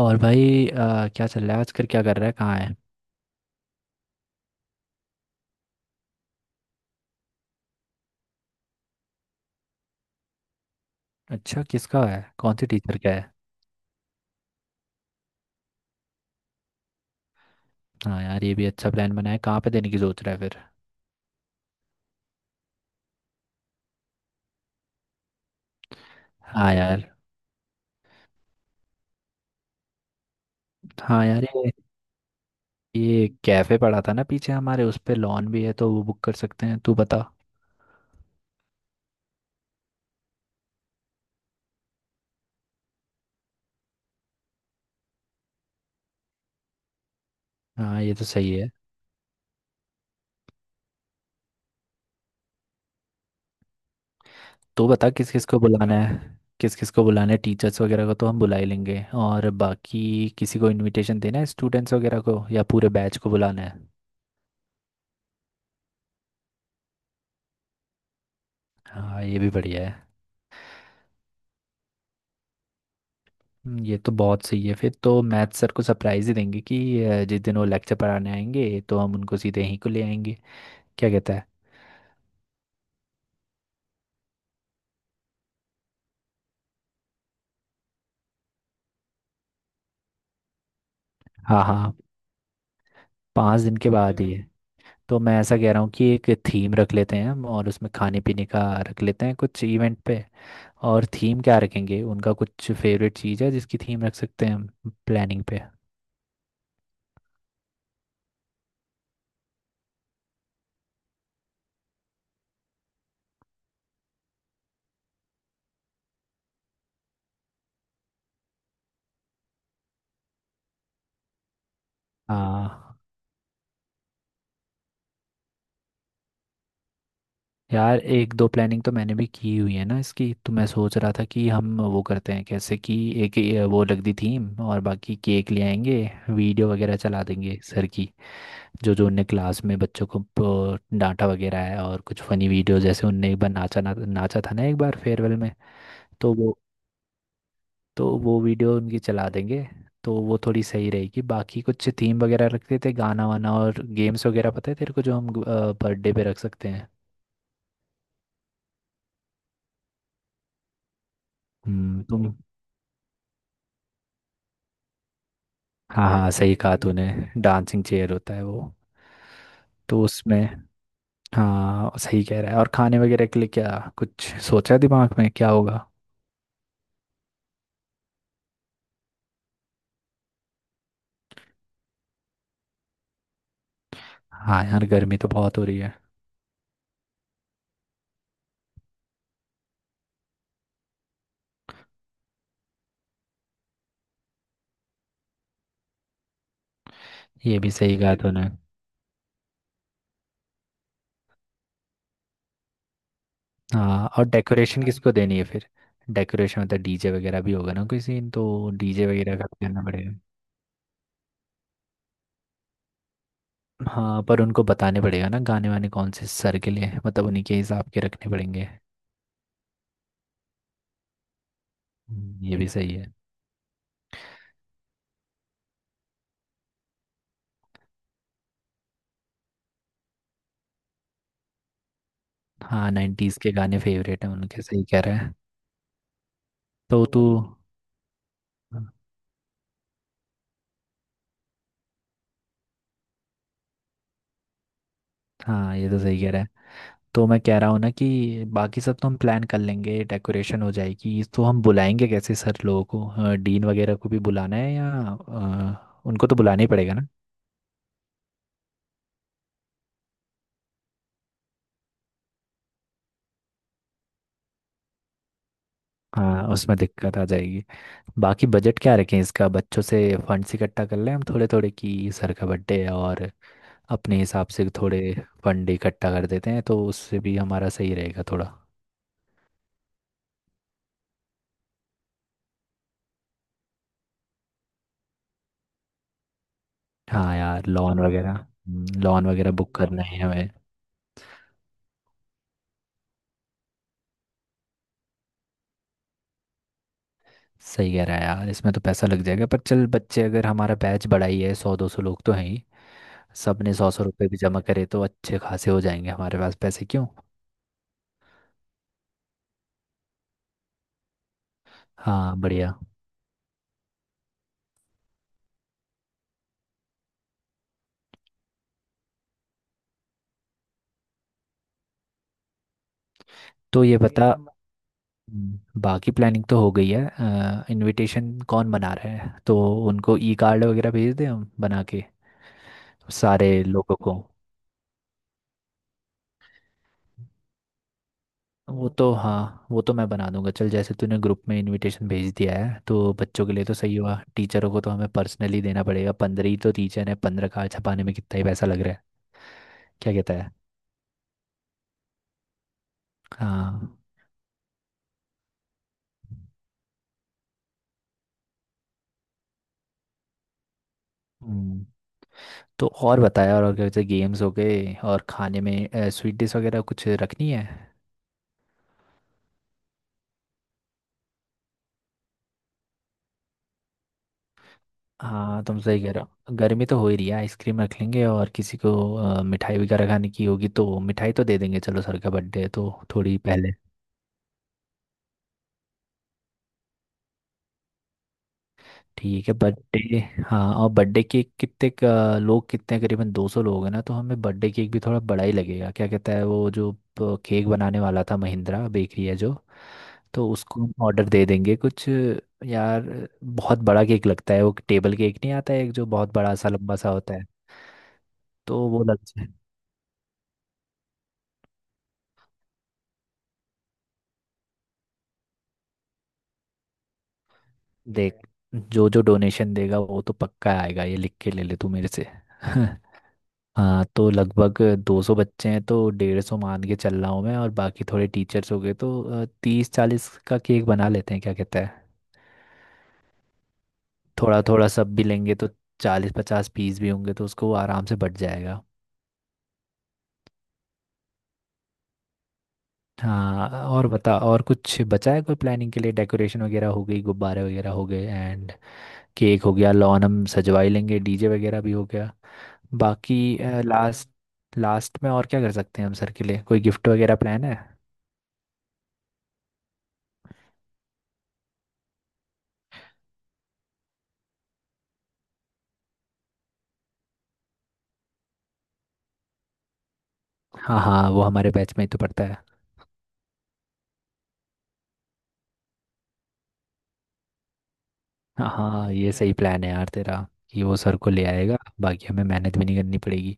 और भाई, क्या चल रहा है आजकल, क्या कर रहा है, कहाँ है। अच्छा, किसका है, कौन सी टीचर का है। हाँ यार, ये भी अच्छा प्लान बना है। कहाँ पे देने की सोच रहा है फिर। हाँ यार। हाँ यार, ये कैफे पड़ा था ना पीछे हमारे। उस पे लॉन भी है तो वो बुक कर सकते हैं। तू बता। हाँ, ये तो सही है। तू बता किस किस को बुलाना है। किस किस को बुलाना है? टीचर्स वगैरह को तो हम बुला ही लेंगे। और बाकी किसी को इनविटेशन देना है स्टूडेंट्स वगैरह को, या पूरे बैच को बुलाना है? हाँ, ये भी बढ़िया है। ये तो बहुत सही है। फिर तो मैथ सर को सरप्राइज ही देंगे कि जिस दिन वो लेक्चर पढ़ाने आएंगे तो हम उनको सीधे यहीं को ले आएंगे। क्या कहता है? हाँ हाँ। 5 दिन के बाद ही है। तो मैं ऐसा कह रहा हूँ कि एक थीम रख लेते हैं हम, और उसमें खाने पीने का रख लेते हैं कुछ इवेंट पे। और थीम क्या रखेंगे? उनका कुछ फेवरेट चीज़ है जिसकी थीम रख सकते हैं हम? प्लानिंग पे। हाँ यार, एक दो प्लानिंग तो मैंने भी की हुई है ना इसकी। तो मैं सोच रहा था कि हम वो करते हैं कैसे, कि एक ये वो लग दी थीम, और बाकी केक ले आएंगे। वीडियो वगैरह चला देंगे सर की। जो जो उनने क्लास में बच्चों को डांटा वगैरह है, और कुछ फनी वीडियो, जैसे उनने एक बार नाचा ना, नाचा था ना एक बार फेयरवेल में। तो वो तो वो वीडियो उनकी चला देंगे। तो वो थोड़ी सही रहेगी। बाकी कुछ थीम वगैरह रखते थे, गाना वाना और गेम्स वगैरह पता है तेरे को जो हम बर्थडे पे रख सकते हैं। हम्म, तुम। हाँ हाँ, सही कहा तूने। डांसिंग चेयर होता है वो। तो उसमें। हाँ, सही कह रहा है। और खाने वगैरह के लिए क्या कुछ सोचा है दिमाग में क्या होगा? हाँ यार, गर्मी तो बहुत हो रही है। ये भी सही कहा तूने। हाँ, और डेकोरेशन किसको देनी है फिर? डेकोरेशन मतलब डीजे वगैरह भी होगा ना कोई सीन? तो डीजे वगैरह का करना पड़ेगा। हाँ, पर उनको बताने पड़ेगा ना गाने वाने कौन से सर के लिए, मतलब उन्हीं के हिसाब के रखने पड़ेंगे। ये भी सही है। हाँ, नाइन्टीज़ के गाने फेवरेट हैं उनके। सही कह रहा है। तो तू। हाँ, ये तो सही कह रहा है। तो मैं कह रहा हूँ ना कि बाकी सब तो हम प्लान कर लेंगे, डेकोरेशन हो जाएगी। तो हम बुलाएंगे कैसे सर लोगों को, डीन वगैरह को भी बुलाना है या? उनको तो बुलाना ही पड़ेगा ना। हाँ, उसमें दिक्कत आ जाएगी। बाकी बजट क्या रखें इसका? बच्चों से फंड्स इकट्ठा कर लें हम थोड़े थोड़े कि सर का बर्थडे है, और अपने हिसाब से थोड़े फंड इकट्ठा कर देते हैं तो उससे भी हमारा सही रहेगा थोड़ा। हाँ यार, लॉन वगैरह बुक करना है हमें। सही कह रहा है यार, इसमें तो पैसा लग जाएगा, पर चल बच्चे अगर हमारा बैच बड़ा ही है, सौ दो सौ लोग तो हैं ही। सब ने सौ सौ रुपये भी जमा करे तो अच्छे खासे हो जाएंगे हमारे पास पैसे। क्यों? हाँ, बढ़िया। तो ये वही बता ना। बाकी प्लानिंग तो हो गई है। इनविटेशन कौन बना रहा है? तो उनको ई कार्ड वगैरह भेज दें हम बना के सारे लोगों को। वो तो, हाँ, वो तो मैं बना दूंगा। चल, जैसे तूने ग्रुप में इनविटेशन भेज दिया है तो बच्चों के लिए तो सही हुआ। टीचरों को तो हमें पर्सनली देना पड़ेगा। 15 ही तो टीचर है, 15 का छपाने में कितना ही पैसा लग रहा है? क्या कहता है? हाँ। हम्म, तो और बताया, और अगर जैसे गेम्स हो गए और खाने में स्वीट डिश वगैरह कुछ रखनी है। हाँ, तुम सही कह रहे हो, गर्मी तो हो ही रही है। आइसक्रीम रख लेंगे, और किसी को मिठाई वगैरह खाने की होगी तो मिठाई तो दे देंगे। चलो, सर का बर्थडे है तो थोड़ी पहले। ठीक है बर्थडे। हाँ, और बर्थडे केक लोग कितने हैं? करीबन 200 लोग हैं ना। तो हमें बर्थडे केक भी थोड़ा बड़ा ही लगेगा। क्या कहता है वो जो केक बनाने वाला था, महिंद्रा बेकरी है जो। तो उसको हम ऑर्डर दे देंगे कुछ यार। बहुत बड़ा केक लगता है वो, टेबल केक नहीं आता है एक, जो बहुत बड़ा सा लंबा सा होता है? तो वो लग जाए। देख, जो जो डोनेशन देगा वो तो पक्का आएगा, ये लिख के ले ले तू मेरे से। हाँ, तो लगभग 200 बच्चे हैं तो 150 मान के चल रहा हूँ मैं, और बाकी थोड़े टीचर्स हो गए, तो तीस चालीस का केक बना लेते हैं। क्या कहता है? थोड़ा थोड़ा सब भी लेंगे तो चालीस पचास पीस भी होंगे, तो उसको आराम से बट जाएगा। हाँ, और बता, और कुछ बचा है कोई प्लानिंग के लिए? डेकोरेशन वगैरह हो गई, गुब्बारे वगैरह हो गए, एंड केक हो गया। लॉन हम सजवा ही लेंगे, डीजे वगैरह भी हो गया। बाकी लास्ट लास्ट में और क्या कर सकते हैं हम सर के लिए? कोई गिफ्ट वगैरह प्लान है? हाँ हाँ, वो हमारे बैच में ही तो पड़ता है। हाँ, ये सही प्लान है यार तेरा कि वो सर को ले आएगा, बाकी हमें मेहनत भी नहीं करनी पड़ेगी।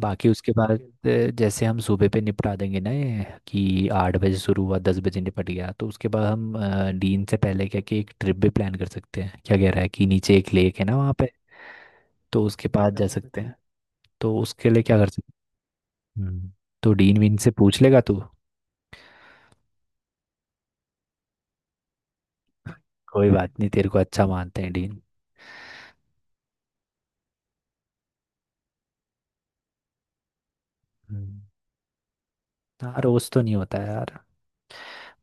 बाकी उसके बाद जैसे हम सुबह पे निपटा देंगे ना ये कि 8 बजे शुरू हुआ, 10 बजे निपट गया, तो उसके बाद हम डीन से पहले क्या कि एक ट्रिप भी प्लान कर सकते हैं? क्या कह रहा है कि नीचे एक लेक है ना वहाँ पे। तो उसके पास जा सकते हैं। तो उसके लिए क्या कर सकते हैं? तो डीन वीन से पूछ लेगा तू? कोई बात नहीं, तेरे को अच्छा मानते हैं डीन। हम्म, हाँ, रोज तो नहीं होता यार।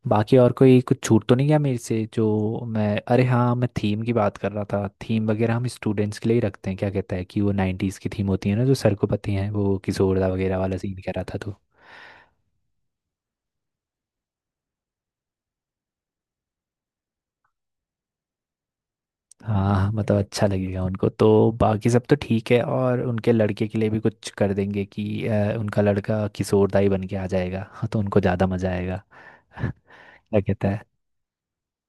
बाकी और कोई कुछ छूट तो नहीं गया मेरे से जो? मैं अरे हाँ, मैं थीम की बात कर रहा था। थीम वगैरह हम स्टूडेंट्स के लिए ही रखते हैं क्या कहता है, कि वो नाइन्टीज़ की थीम होती है ना जो सर को पता ही है, वो किशोरदा वगैरह वाला सीन कह रहा था तो। हाँ हाँ, मतलब अच्छा लगेगा उनको तो, बाकी सब तो ठीक है। और उनके लड़के के लिए भी कुछ कर देंगे कि उनका लड़का किशोरदा ही बन के आ जाएगा, हाँ, तो उनको ज़्यादा मज़ा आएगा। क्या कहता है?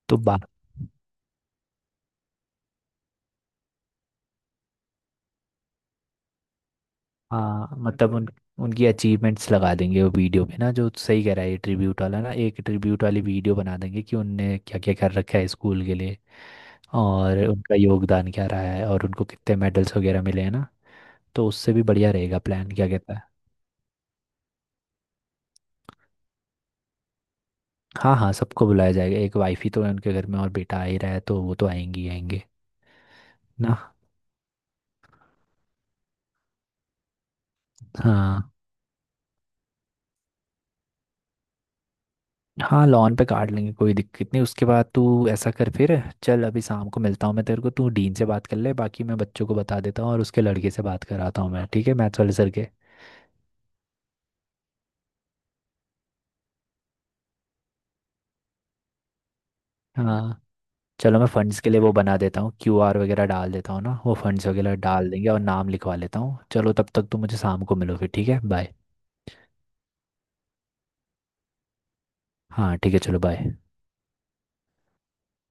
तो बात। हाँ, मतलब उन उनकी अचीवमेंट्स लगा देंगे वो वीडियो पे ना, जो सही कह रहा है ये ट्रिब्यूट वाला ना। एक ट्रिब्यूट वाली वीडियो बना देंगे कि उनने क्या क्या कर रखा है स्कूल के लिए, और उनका योगदान क्या रहा है, और उनको कितने मेडल्स वगैरह मिले हैं ना, तो उससे भी बढ़िया रहेगा प्लान। क्या कहता है? हाँ हाँ, सबको बुलाया जाएगा। एक वाइफ ही तो है उनके घर में, और बेटा आ ही रहा है तो वो तो आएंगी आएंगे ना। हाँ हाँ, लॉन पे काट लेंगे, कोई दिक्कत नहीं। उसके बाद तू ऐसा कर फिर, चल अभी शाम को मिलता हूँ मैं तेरे को। तू डीन से बात कर ले, बाकी मैं बच्चों को बता देता हूँ, और उसके लड़के से बात कराता हूँ मैं, ठीक है, मैथ्स वाले सर के। हाँ, चलो मैं फंड्स के लिए वो बना देता हूँ, QR वगैरह डाल देता हूँ ना, वो फंड्स वगैरह डाल देंगे और नाम लिखवा लेता हूँ। चलो, तब तक तू मुझे शाम को मिलो फिर, ठीक है, बाय। हाँ, ठीक है, चलो बाय।